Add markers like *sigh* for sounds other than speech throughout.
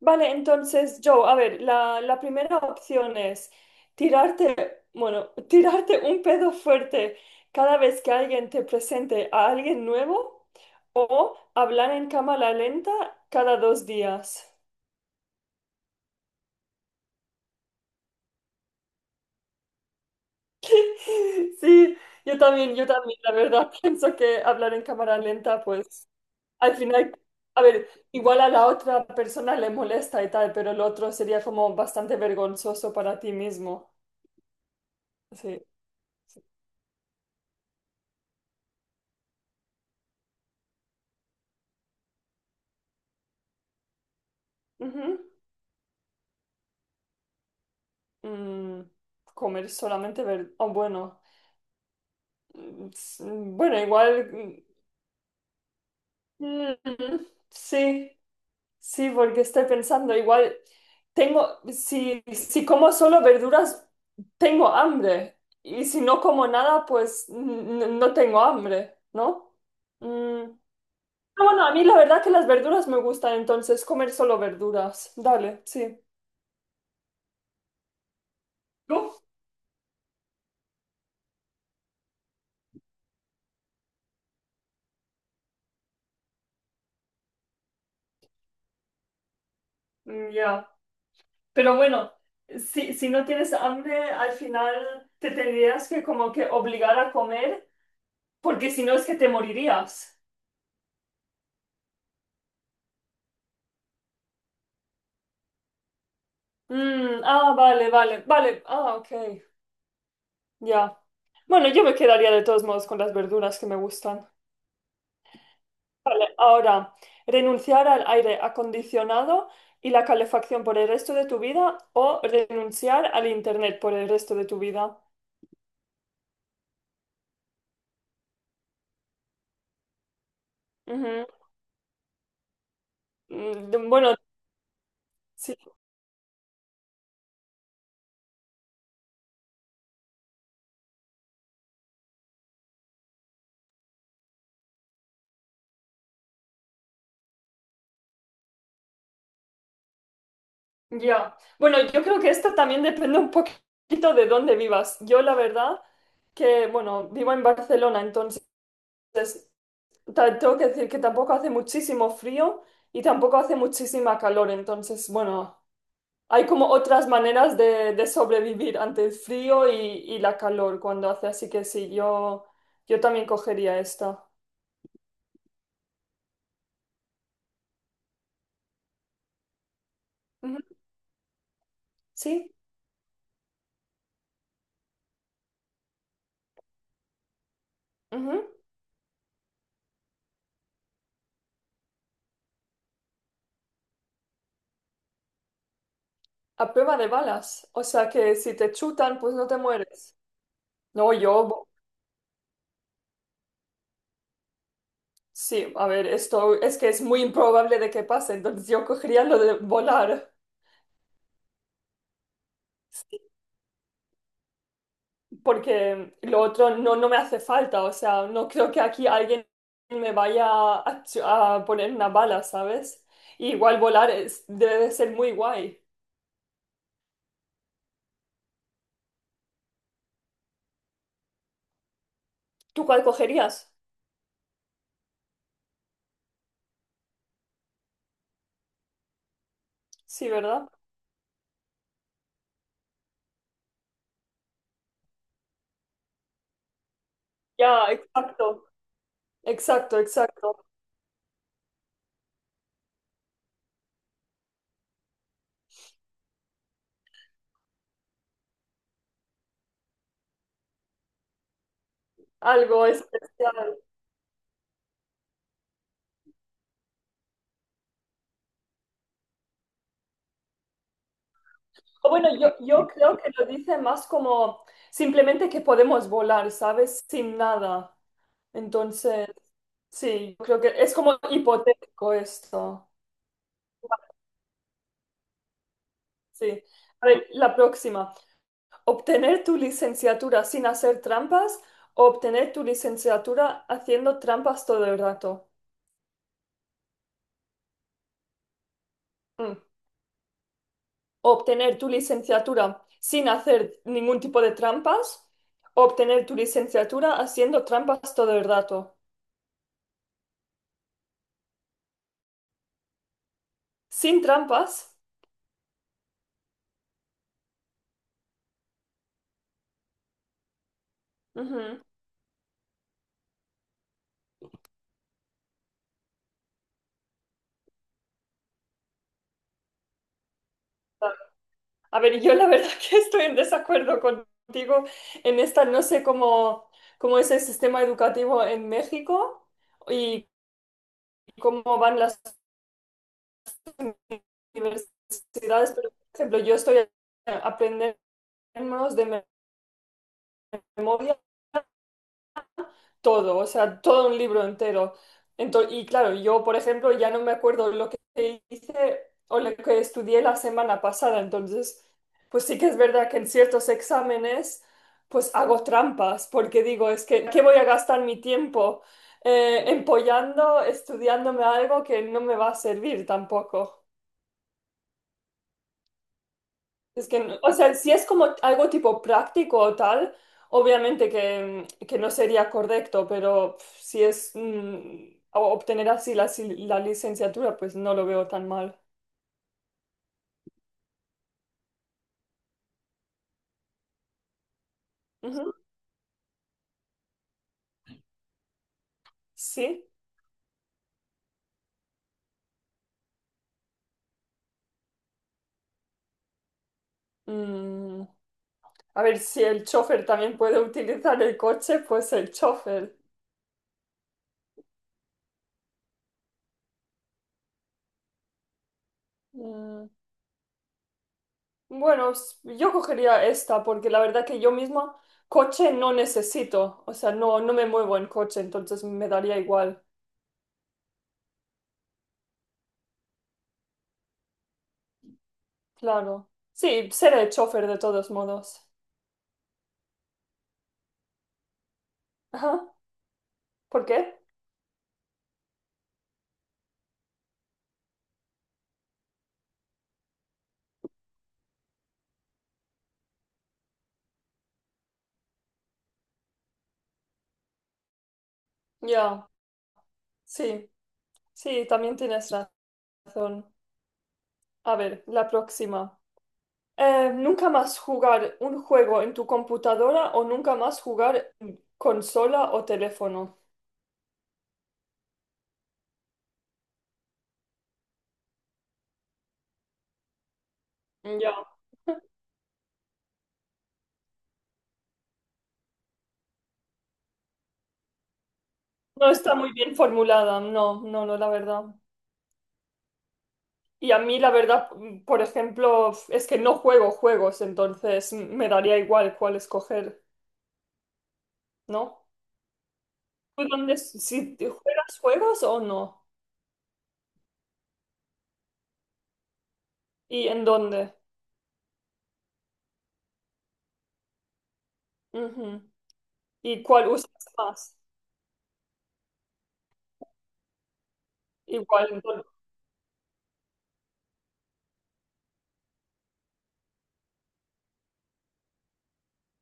Vale, entonces, Joe, a ver, la primera opción es tirarte, bueno, *laughs* tirarte un pedo fuerte cada vez que alguien te presente a alguien nuevo o hablar en cámara lenta cada dos días. *laughs* Sí, yo también, la verdad, *laughs* pienso que hablar en cámara lenta, pues al final, a ver, igual a la otra persona le molesta y tal, pero el otro sería como bastante vergonzoso para ti mismo. Sí. Sí. Ujú. Mm, comer solamente ver... Oh, bueno. Bueno, igual... sí, sí, porque estoy pensando, igual tengo, si como solo verduras, tengo hambre. Y si no como nada, pues no tengo hambre, ¿no? Mm, bueno, a mí la verdad que las verduras me gustan, entonces comer solo verduras. Dale, sí. ¿Tú? Mm, ya. Pero bueno, si no tienes hambre, al final te tendrías que como que obligar a comer, porque si no es que te morirías. Vale, vale, vale. Ah, ok, ya. Bueno, yo me quedaría de todos modos con las verduras que me gustan. Ahora, renunciar al aire acondicionado y la calefacción por el resto de tu vida o renunciar al internet por el resto de tu vida. Ujú. Bueno, sí. Ya. Bueno, yo creo que esto también depende un poquito de dónde vivas. Yo la verdad que, bueno, vivo en Barcelona, entonces tengo que decir que tampoco hace muchísimo frío y tampoco hace muchísima calor. Entonces, bueno, hay como otras maneras de sobrevivir ante el frío y la calor cuando hace. Así que sí, yo también cogería esta. Ujú. Sí, ujú. A prueba de balas. O sea que si te chutan, pues no te mueres. No, yo. Sí, a ver, esto es que es muy improbable de que pase, entonces yo cogería lo de volar, porque lo otro no, no me hace falta, o sea, no creo que aquí alguien me vaya a, a poner una bala, ¿sabes? Y igual volar es- debe de ser muy guay. ¿Tú cuál cogerías? Sí, ¿verdad? Ya, exacto, exacto, exacto. Algo especial. O bueno, yo creo que lo dice más como simplemente que podemos volar, ¿sabes? Sin nada. Entonces... Sí, yo creo que es como hipotético esto. Sí. A ver, la próxima. ¿Obtener tu licenciatura sin hacer trampas o obtener tu licenciatura haciendo trampas todo el rato? Mm. ¿Obtener tu licenciatura sin hacer ningún tipo de trampas o obtener tu licenciatura haciendo trampas todo el rato? Sin trampas. Ujú. A ver, yo la verdad *laughs* que estoy en desacuerdo contigo en esta, no sé cómo, cómo es el sistema educativo en México y cómo van las universidades, pero por ejemplo, yo estoy aprendiendo de memoria todo, o sea, todo un libro entero. Entonces y claro, yo, por ejemplo, ya no me acuerdo lo que hice o lo que estudié la semana pasada, entonces, pues sí que es verdad que en ciertos exámenes, pues hago trampas, porque digo, es que, ¿qué voy a gastar mi tiempo empollando, estudiándome algo que no me va a servir tampoco? Es que, o sea, si es como algo tipo práctico o tal, obviamente que no sería correcto, pero pf, si es obtener así la, la licenciatura, pues no lo veo tan mal. Ujú. Sí. Mm, a ver si el chofer también puede utilizar el coche, pues el chofer. Mm, bueno, yo cogería esta porque la verdad que yo misma coche no necesito, o sea, no, no me muevo en coche, entonces me daría igual. Claro. Sí, seré chofer de todos modos. Ajá. ¿Por qué? Ya, sí, sí, también tienes razón. A ver, la próxima. ¿Nunca más jugar un juego en tu computadora o nunca más jugar en consola o teléfono? Ya. *laughs* No está muy bien formulada, no, no, no, la verdad. Y a mí, la verdad, por ejemplo, es que no juego juegos, entonces me daría igual cuál escoger, ¿no? ¿Tú dónde, si te juegas juegos o no? ¿Y en dónde? Ujú. ¿Y cuál usas más? Igual, en todo.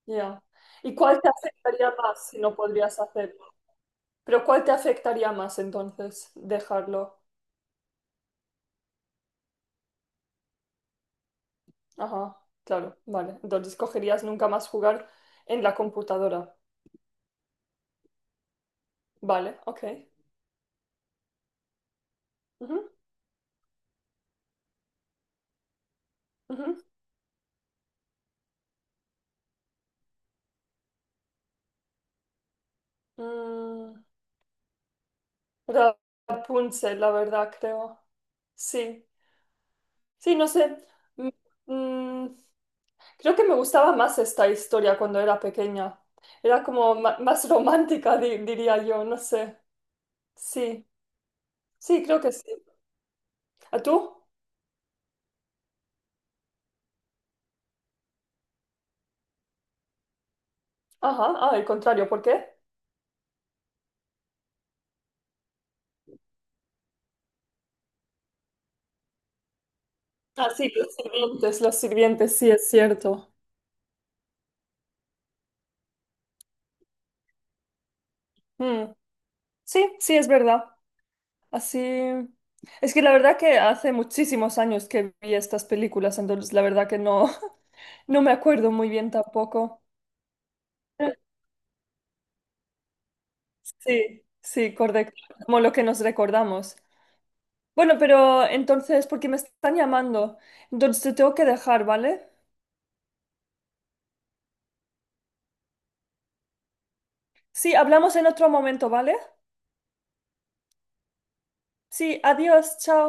Ya. ¿Y cuál te afectaría más si no podrías hacerlo? Pero ¿cuál te afectaría más entonces dejarlo? Ajá, claro, vale. Entonces cogerías nunca más jugar en la computadora. Vale, ok. Ujú, ujú. Mm, Rapunzel, la verdad, creo. Sí, sí, no sé. Mm, mm, Creo que me gustaba más esta historia cuando era pequeña. Era como más *laughs* romántica, diría yo, no sé. Sí, sí, creo que sí. ¿A tú? Ajá, ah, el contrario, ¿por qué? Ah, sí, los sirvientes, sí, es cierto. Mm, sí, sí, es verdad. Así. Es que la verdad que hace muchísimos años que vi estas películas, entonces la verdad que no, *laughs* no me acuerdo muy bien tampoco. Sí, sí, correcto. Como lo que nos recordamos. Bueno, pero entonces, porque me están llamando, entonces te tengo que dejar, ¿vale? Sí, hablamos en otro momento, ¿vale? Sí, adiós, chao.